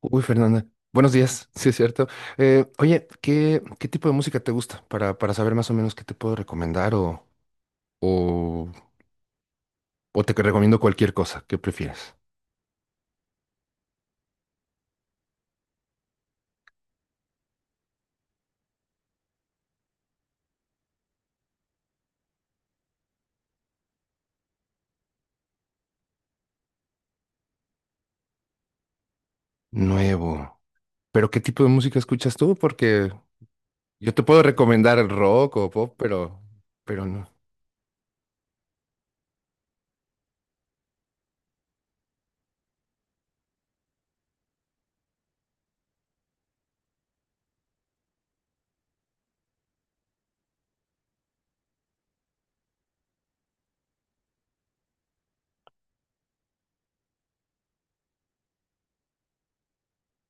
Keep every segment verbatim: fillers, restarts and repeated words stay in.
Uy, Fernanda, buenos días, sí es cierto. Eh, oye, ¿qué, qué tipo de música te gusta? Para, para saber más o menos qué te puedo recomendar o, o, o te recomiendo cualquier cosa, ¿qué prefieres? Nuevo. Pero ¿qué tipo de música escuchas tú? Porque yo te puedo recomendar el rock o pop, pero, pero no.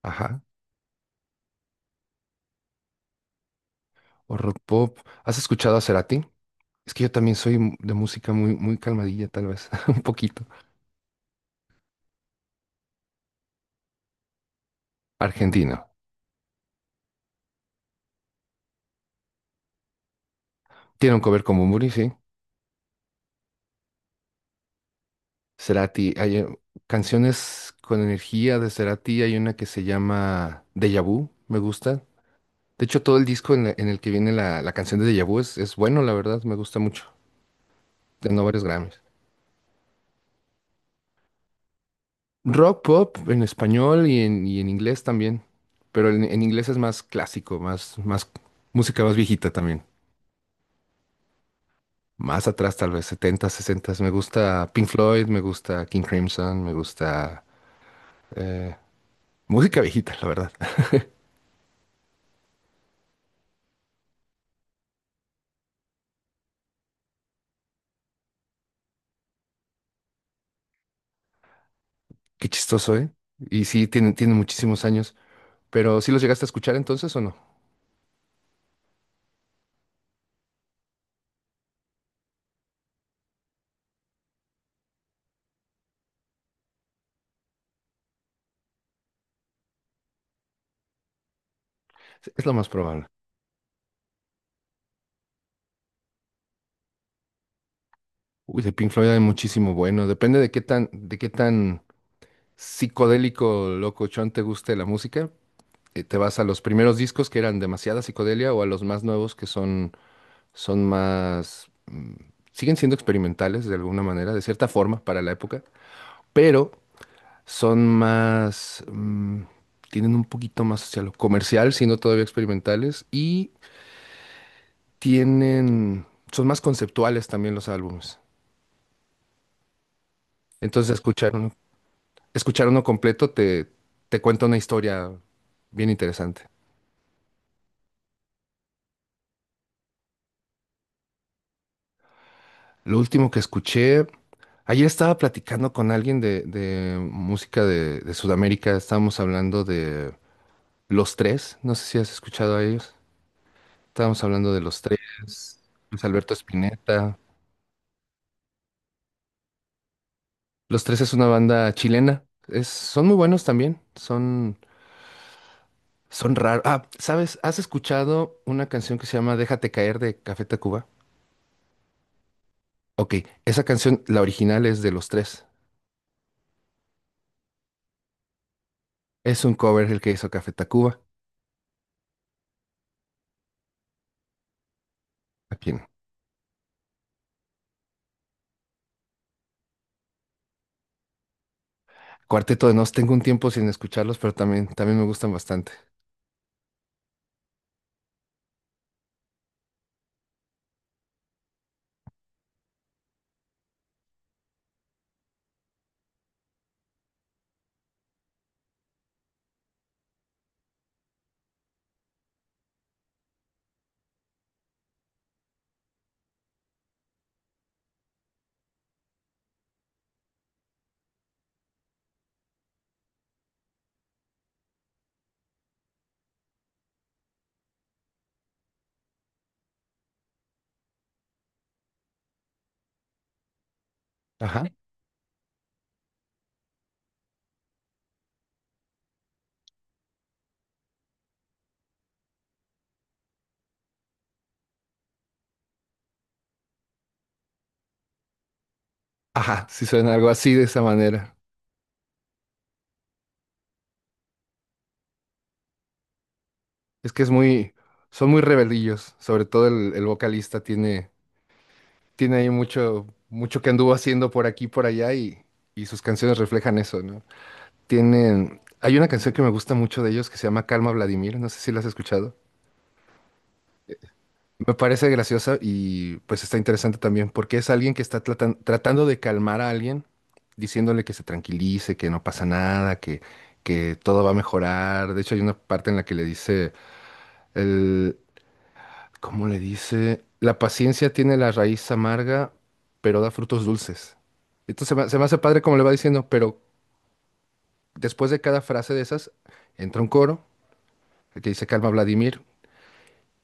Ajá, o rock pop. ¿Has escuchado a Cerati? Es que yo también soy m- de música muy, muy calmadilla, tal vez, un poquito. Argentino. Tiene un cover como Muri, sí. Cerati, hay eh, canciones con energía de Cerati, hay una que se llama Deja Vu, me gusta. De hecho, todo el disco en, la- en el que viene la, la canción de Deja Vu es, es bueno, la verdad, me gusta mucho. Ganó varios Grammys. Rock pop en español y en, y en inglés también, pero en, en inglés es más clásico, más, más música más viejita también. Más atrás, tal vez, setenta, sesenta. Me gusta Pink Floyd, me gusta King Crimson, me gusta eh, música viejita, la verdad. Qué chistoso, ¿eh? Y sí, tiene, tiene muchísimos años. Pero ¿sí los llegaste a escuchar entonces o no? Es es lo más probable. Uy, de Pink Floyd hay muchísimo bueno. Depende de qué tan, de qué tan psicodélico, locochón te guste la música. eh, Te vas a los primeros discos que eran demasiada psicodelia o a los más nuevos que son, son más... mm, siguen siendo experimentales de alguna manera, de cierta forma para la época, pero son más... mm, tienen un poquito más hacia lo comercial, siendo todavía experimentales, y tienen, son más conceptuales también los álbumes. Entonces escuchar uno, escuchar uno completo te, te cuenta una historia bien interesante. Lo último que escuché, ayer estaba platicando con alguien de, de música de, de Sudamérica, estábamos hablando de Los Tres, no sé si has escuchado a ellos, estábamos hablando de Los Tres, Luis Alberto Spinetta. Los Tres es una banda chilena, es, son muy buenos también, son... Son raros. Ah, ¿sabes? ¿Has escuchado una canción que se llama Déjate caer de Café Tacuba? Ok, esa canción, la original es de los tres. Es un cover el que hizo Café Tacuba. Aquí en Cuarteto de Nos. Tengo un tiempo sin escucharlos, pero también, también me gustan bastante. Ajá. Ajá, sí suena algo así de esa manera. Es que es muy, Son muy rebelillos. Sobre todo el, el vocalista tiene, tiene ahí mucho, mucho que anduvo haciendo por aquí y por allá y, y sus canciones reflejan eso, ¿no? Tienen, hay una canción que me gusta mucho de ellos que se llama Calma Vladimir, no sé si la has escuchado. Me parece graciosa y pues está interesante también porque es alguien que está tratan- tratando de calmar a alguien, diciéndole que se tranquilice, que no pasa nada, que, que todo va a mejorar. De hecho, hay una parte en la que le dice, el, ¿cómo le dice? La paciencia tiene la raíz amarga, pero da frutos dulces. Entonces se me, se me hace padre como le va diciendo, pero después de cada frase de esas entra un coro que dice Calma Vladimir.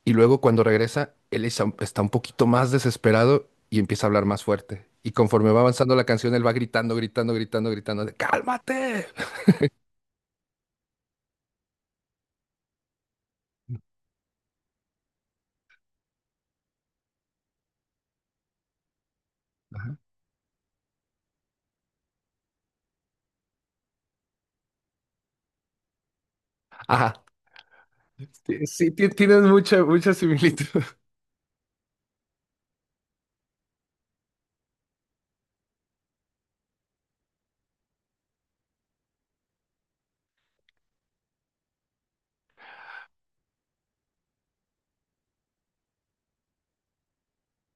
Y luego cuando regresa, él es- está un poquito más desesperado y empieza a hablar más fuerte. Y conforme va avanzando la canción, él va gritando, gritando, gritando, gritando de ¡Cálmate! Ajá. Sí, sí, ti- tienes mucha, mucha similitud.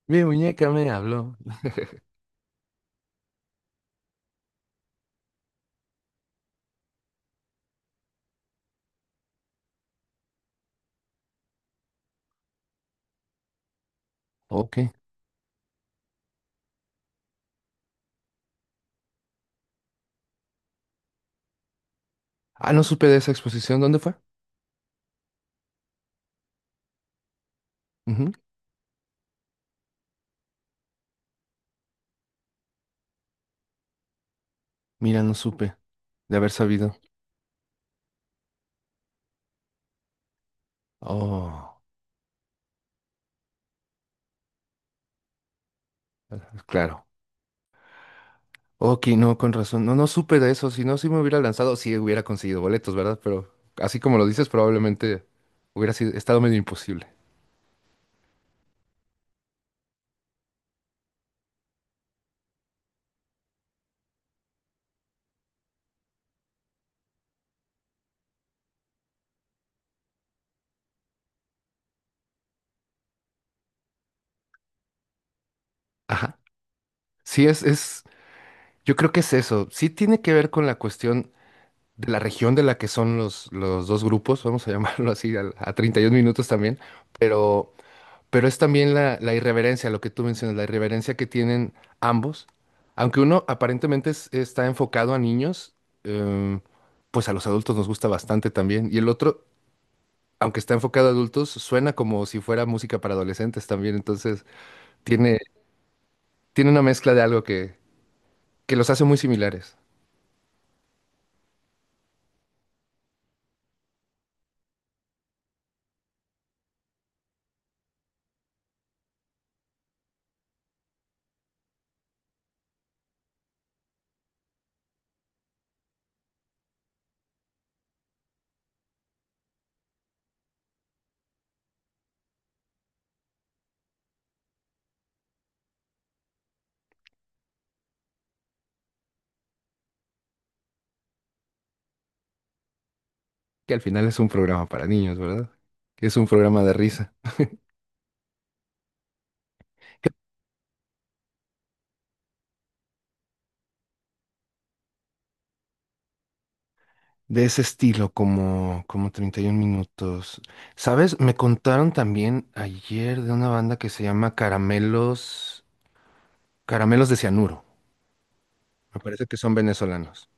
Mi muñeca me habló. Ok. Ah, no supe de esa exposición. ¿Dónde fue? Ujú. Mira, no supe de haber sabido. Oh, claro. Ok, no, con razón. No, no supe de eso. Si no, sí me hubiera lanzado, sí hubiera conseguido boletos, ¿verdad? Pero así como lo dices, probablemente hubiera sido, estado medio imposible. Ajá. Sí, es, es, yo creo que es eso. Sí tiene que ver con la cuestión de la región de la que son los, los dos grupos, vamos a llamarlo así, al- a, treinta y un minutos también, pero, pero es también la, la irreverencia, lo que tú mencionas, la irreverencia que tienen ambos. Aunque uno aparentemente es- está enfocado a niños, em, pues a los adultos nos gusta bastante también. Y el otro, aunque está enfocado a adultos, suena como si fuera música para adolescentes también. Entonces, tiene, tiene una mezcla de algo que, que los hace muy similares. Que al final es un programa para niños, ¿verdad? Que es un programa de risa. De ese estilo, como, como treinta y un minutos. ¿Sabes? Me contaron también ayer de una banda que se llama Caramelos, Caramelos de Cianuro. Me parece que son venezolanos.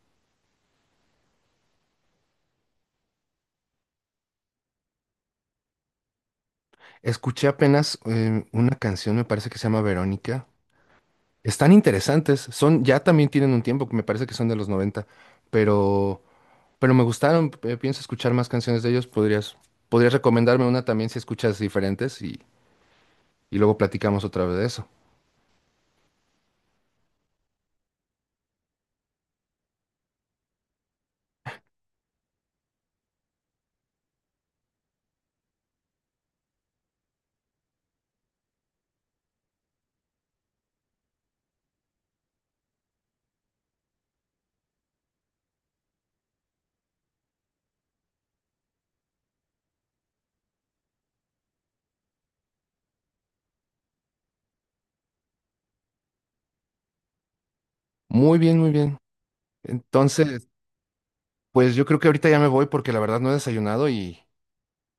Escuché apenas eh, una canción, me parece que se llama Verónica. Están interesantes. Son, ya también tienen un tiempo, me parece que son de los noventa, pero Pero me gustaron, eh, pienso escuchar más canciones de ellos. Podrías, podrías recomendarme una también si escuchas diferentes y, y luego platicamos otra vez de eso. Muy bien, muy bien. Entonces, pues yo creo que ahorita ya me voy porque la verdad no he desayunado y,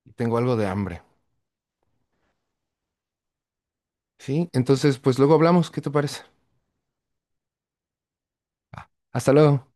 y tengo algo de hambre. ¿Sí? Entonces, pues luego hablamos. ¿Qué te parece? Ah, hasta luego.